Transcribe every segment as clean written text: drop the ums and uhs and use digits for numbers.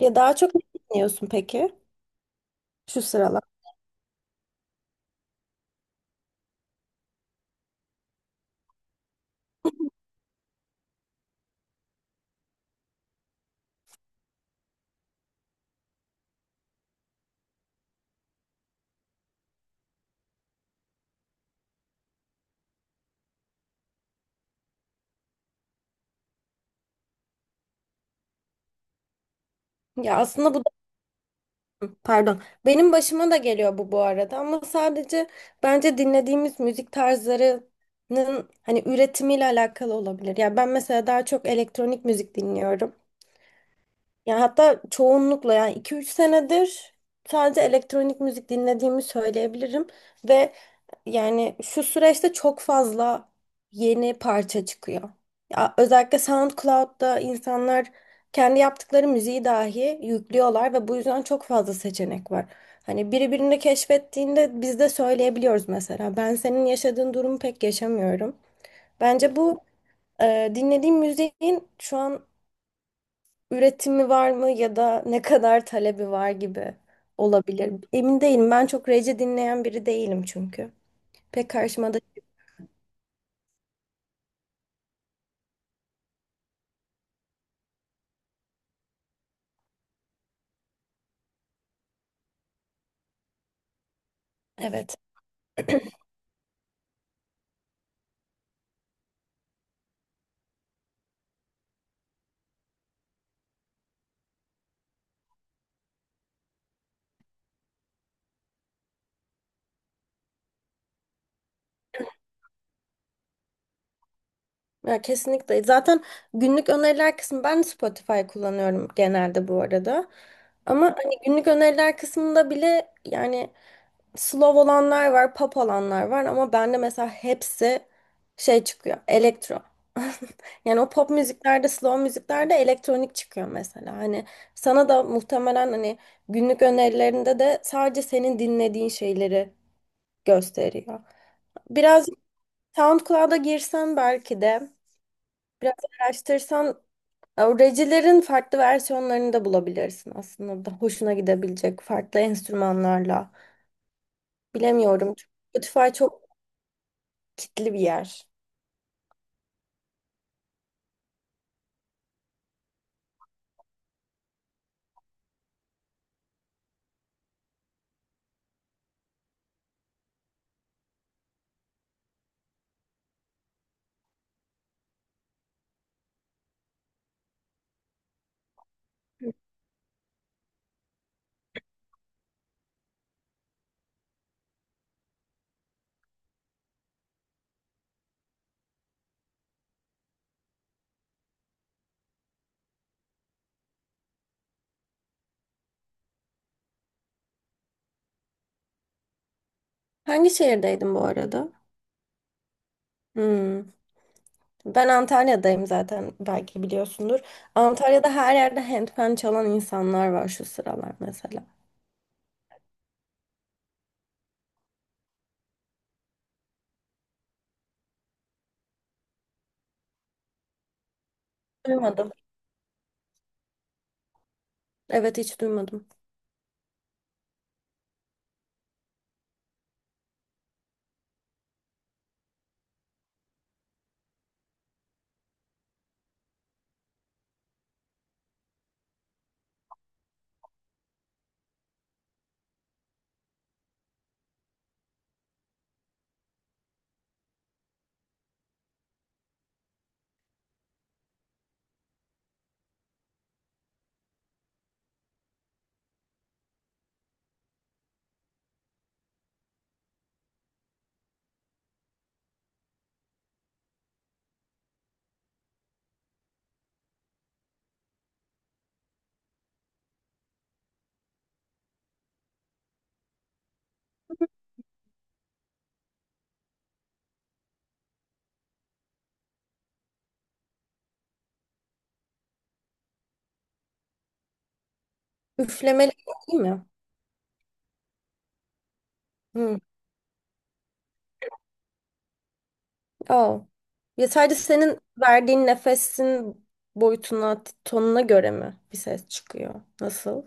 Ya daha çok ne dinliyorsun peki şu sıralar? Ya aslında bu da pardon. Benim başıma da geliyor bu arada ama sadece bence dinlediğimiz müzik tarzlarının hani üretimiyle alakalı olabilir. Ya ben mesela daha çok elektronik müzik dinliyorum. Yani hatta çoğunlukla yani iki üç senedir sadece elektronik müzik dinlediğimi söyleyebilirim ve yani şu süreçte çok fazla yeni parça çıkıyor. Ya özellikle SoundCloud'da insanlar kendi yaptıkları müziği dahi yüklüyorlar ve bu yüzden çok fazla seçenek var. Hani biri birini keşfettiğinde biz de söyleyebiliyoruz mesela. Ben senin yaşadığın durumu pek yaşamıyorum. Bence bu dinlediğim müziğin şu an üretimi var mı ya da ne kadar talebi var gibi olabilir. Emin değilim. Ben çok rece dinleyen biri değilim çünkü. Pek karşıma da evet. Ya kesinlikle. Zaten günlük öneriler kısmı ben Spotify kullanıyorum genelde bu arada. Ama hani günlük öneriler kısmında bile yani slow olanlar var, pop olanlar var ama bende mesela hepsi şey çıkıyor, elektro. Yani o pop müziklerde, slow müziklerde elektronik çıkıyor mesela. Hani sana da muhtemelen hani günlük önerilerinde de sadece senin dinlediğin şeyleri gösteriyor. Biraz SoundCloud'a girsen belki de biraz araştırsan recilerin farklı versiyonlarını da bulabilirsin aslında da hoşuna gidebilecek farklı enstrümanlarla. Bilemiyorum, çünkü Spotify çok kitli bir yer. Hangi şehirdeydin bu arada? Hmm. Ben Antalya'dayım zaten belki biliyorsundur. Antalya'da her yerde handpan çalan insanlar var şu sıralar mesela. Duymadım. Evet hiç duymadım. Üflemeli değil mi? Hı. Oh. Ya sadece senin verdiğin nefesin boyutuna, tonuna göre mi bir ses çıkıyor? Nasıl?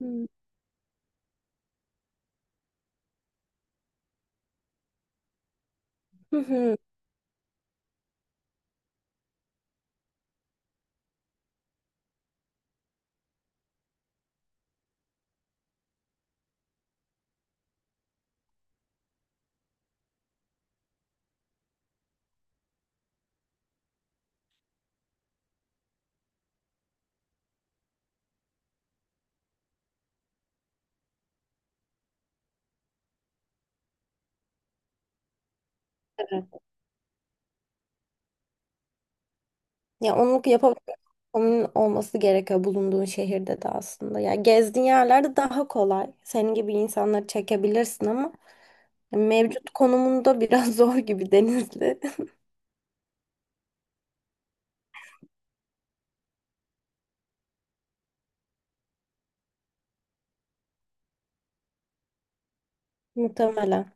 Hı. Hı hı. Ya onu yapabilmek onun olması gerekiyor bulunduğun şehirde de aslında. Ya gezdiğin yerlerde daha kolay. Senin gibi insanları çekebilirsin ama mevcut konumunda biraz zor gibi Denizli. Muhtemelen.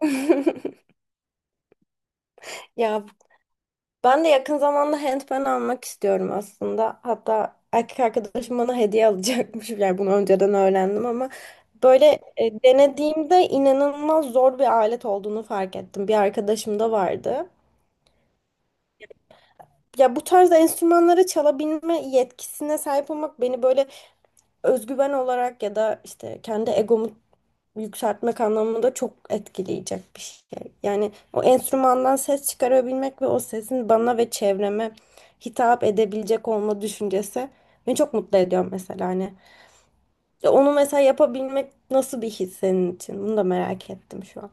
Ya ben de yakın zamanda handpan almak istiyorum aslında. Hatta erkek arkadaşım bana hediye alacakmış. Yani bunu önceden öğrendim ama böyle denediğimde inanılmaz zor bir alet olduğunu fark ettim. Bir arkadaşım da vardı. Ya bu tarzda enstrümanları çalabilme yetkisine sahip olmak beni böyle özgüven olarak ya da işte kendi egomu yükseltmek anlamında çok etkileyecek bir şey. Yani o enstrümandan ses çıkarabilmek ve o sesin bana ve çevreme hitap edebilecek olma düşüncesi beni çok mutlu ediyor mesela hani. Ya onu mesela yapabilmek nasıl bir his senin için? Bunu da merak ettim şu an.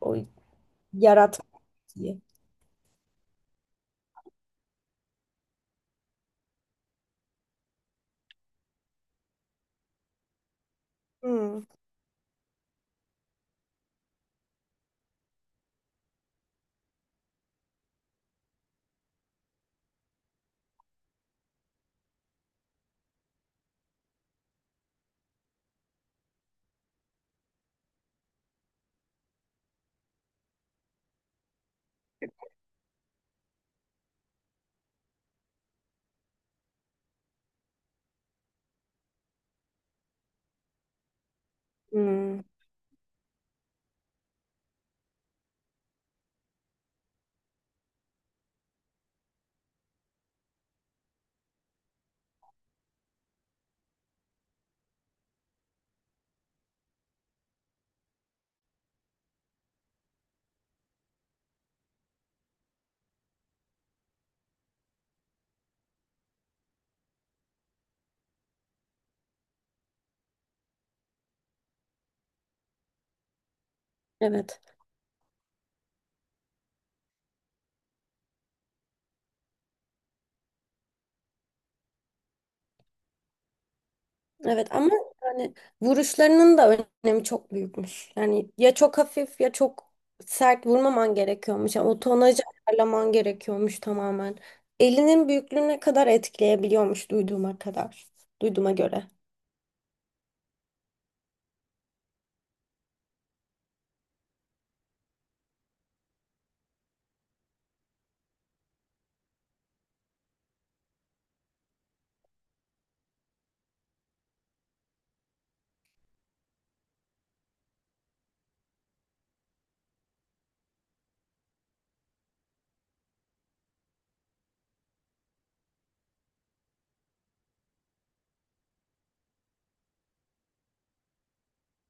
O yaratmayı. Hmm. Hmm. Evet. Evet ama yani vuruşlarının da önemi çok büyükmüş. Yani ya çok hafif ya çok sert vurmaman gerekiyormuş. Yani o tonajı ayarlaman gerekiyormuş tamamen. Elinin büyüklüğüne kadar etkileyebiliyormuş duyduğuma kadar. Duyduğuma göre.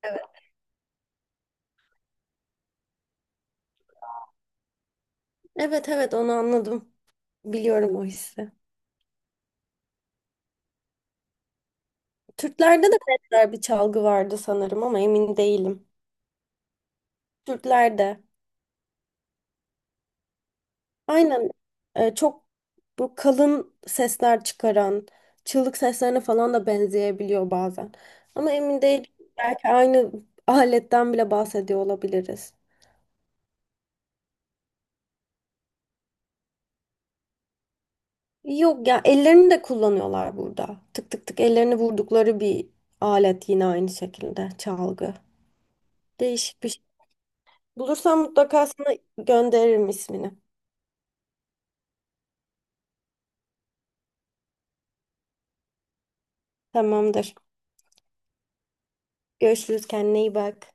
Evet. Evet evet onu anladım. Biliyorum o hissi. Türklerde de benzer bir çalgı vardı sanırım ama emin değilim. Türklerde. Aynen çok bu kalın sesler çıkaran, çığlık seslerine falan da benzeyebiliyor bazen. Ama emin değilim. Belki aynı aletten bile bahsediyor olabiliriz. Yok ya ellerini de kullanıyorlar burada. Tık tık tık ellerini vurdukları bir alet yine aynı şekilde çalgı. Değişik bir şey. Bulursam mutlaka sana gönderirim ismini. Tamamdır. Görüşürüz kendine iyi bak.